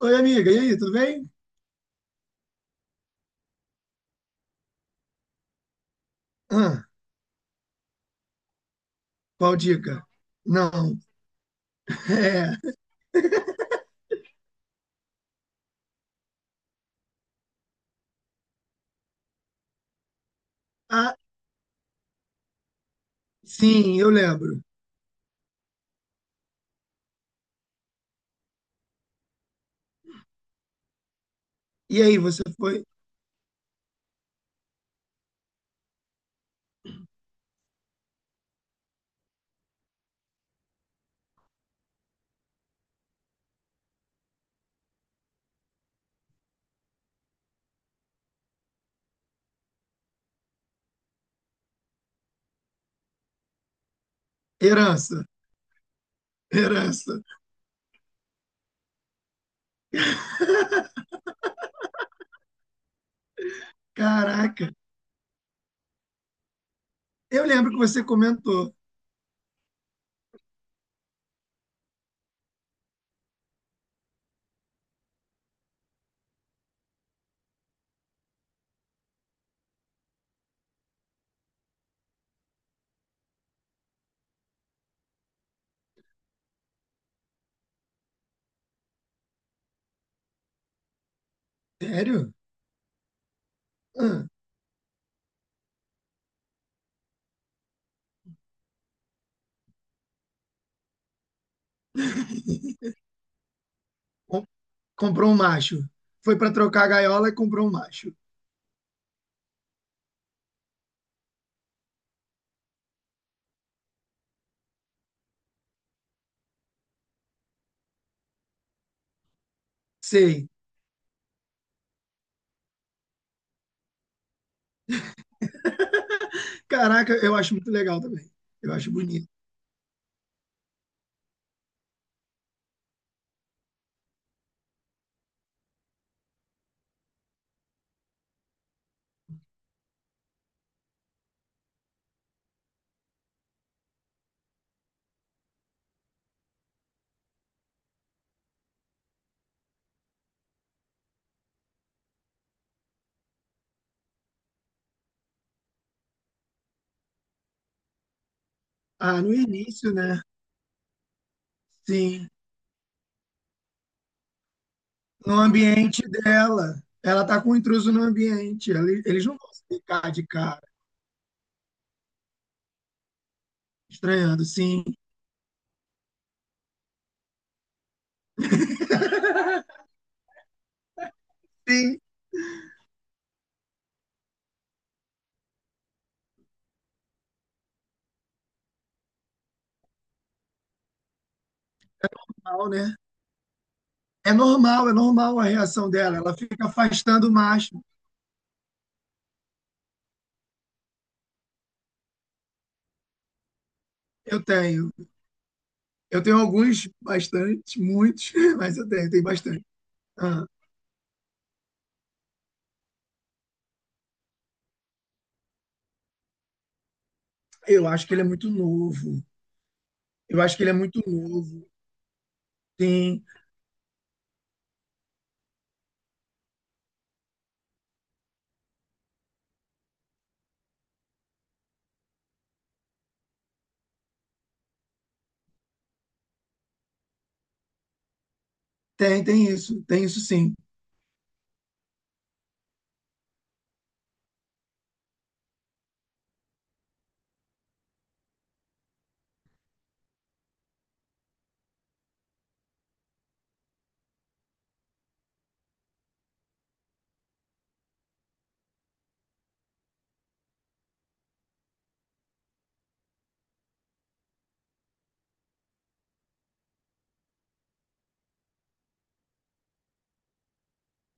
Oi, amiga, e aí, tudo bem? Ah, qual dica? Não. É. Ah, sim, eu lembro. E aí, você foi? Herança, herança. Caraca, eu lembro que você comentou. Sério? Ah, com- comprou um macho. Foi para trocar a gaiola e comprou um macho. Sei. Caraca, eu acho muito legal também. Eu acho bonito. Ah, no início, né? Sim. No ambiente dela. Ela tá com um intruso no ambiente. Eles não vão se ficar de cara, estranhando, sim. Sim, normal, né? É normal a reação dela. Ela fica afastando o macho. Eu tenho. Eu tenho alguns, bastante, muitos, mas eu tenho bastante. Ah, eu acho que ele é muito novo. Eu acho que ele é muito novo. Sim, tem isso. Tem isso sim.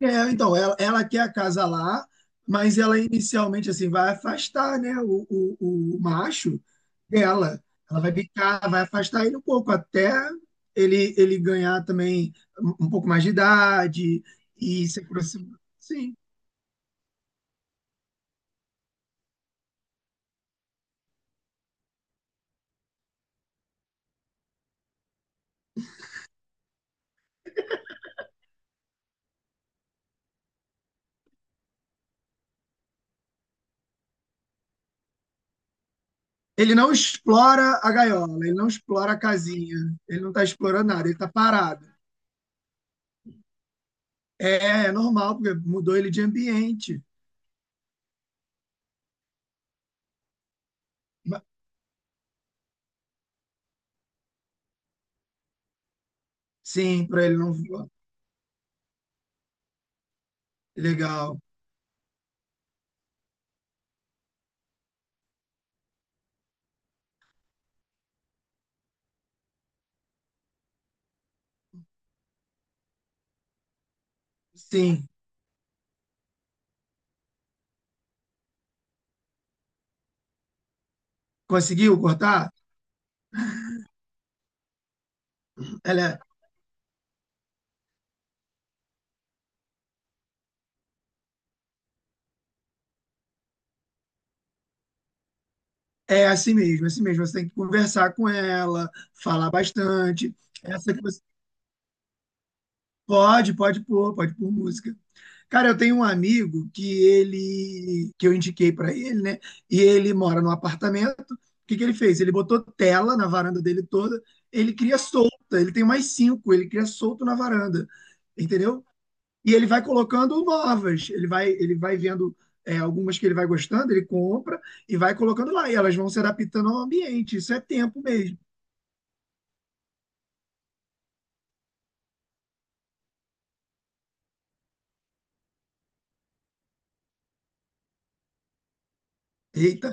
É, então, ela quer acasalar, mas ela inicialmente assim vai afastar, né, o macho dela. Ela vai bicar, vai afastar ele um pouco até ele ganhar também um pouco mais de idade e se aproximar. Sim. Ele não explora a gaiola, ele não explora a casinha, ele não está explorando nada, ele está parado. É, é normal, porque mudou ele de ambiente. Ma- Sim, para ele não voar. Legal. Sim. Conseguiu cortar? Ela É assim mesmo, é assim mesmo. Você tem que conversar com ela, falar bastante. Essa que você Pode pôr música. Cara, eu tenho um amigo que ele que eu indiquei para ele, né? E ele mora num apartamento. O que que ele fez? Ele botou tela na varanda dele toda. Ele cria solta. Ele tem mais cinco. Ele cria solto na varanda, entendeu? E ele vai colocando novas, ele vai vendo é, algumas que ele vai gostando, ele compra e vai colocando lá. E elas vão se adaptando ao ambiente. Isso é tempo mesmo. Eita,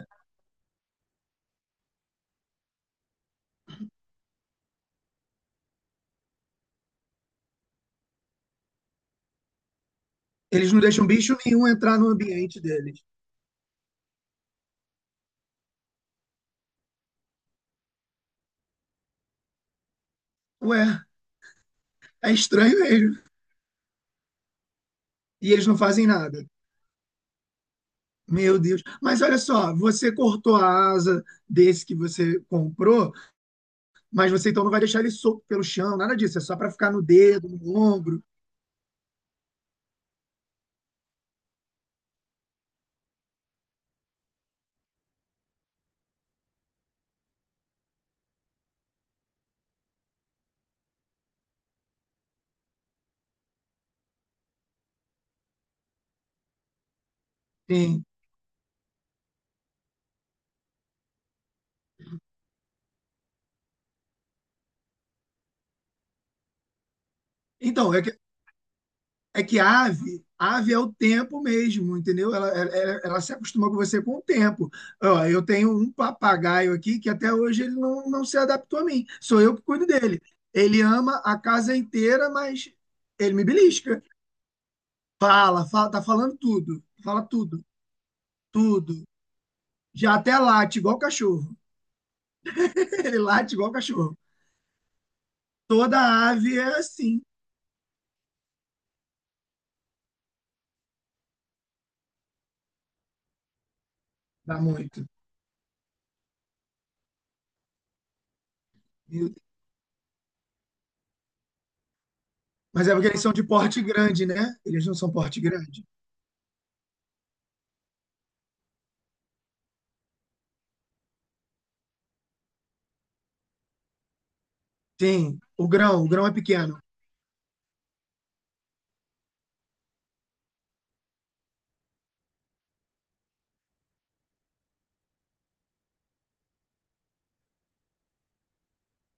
eles não deixam bicho nenhum entrar no ambiente deles. Ué, é estranho mesmo. E eles não fazem nada. Meu Deus. Mas olha só, você cortou a asa desse que você comprou, mas você então não vai deixar ele solto pelo chão, nada disso. É só para ficar no dedo, no ombro. Sim. Então, é que É que ave, ave é o tempo mesmo, entendeu? Ela se acostuma com você com o tempo. Ó, eu tenho um papagaio aqui que até hoje ele não se adaptou a mim. Sou eu que cuido dele. Ele ama a casa inteira, mas ele me belisca. Fala, fala, tá falando tudo. Fala tudo, tudo. Já até late igual cachorro. Ele late igual cachorro. Toda ave é assim. Dá muito. Mas é porque eles são de porte grande, né? Eles não são porte grande. Sim, o grão é pequeno.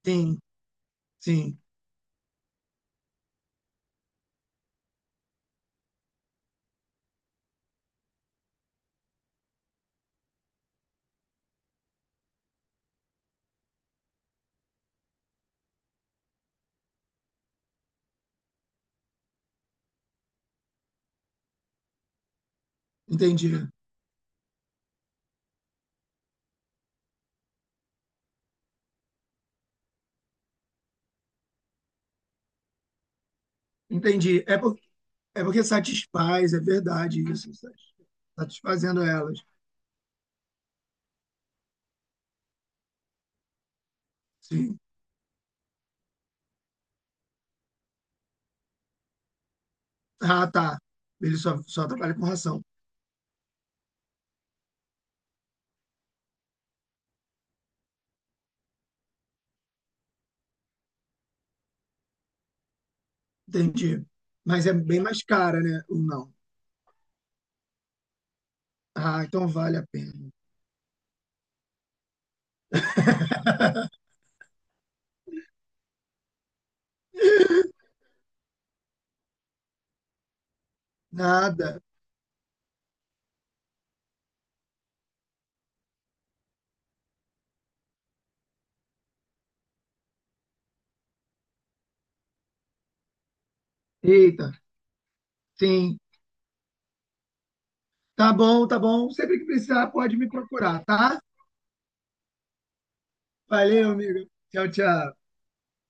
Sim, sim, entendi. Entendi. É porque satisfaz, é verdade isso. Satisfazendo elas. Sim. Ah, tá. Ele só trabalha com ração. Entendi. Mas é bem mais cara, né? Ou não? Ah, então vale a pena. Nada. Eita, sim. Tá bom, tá bom. Sempre que precisar, pode me procurar, tá? Valeu, amigo. Tchau, tchau.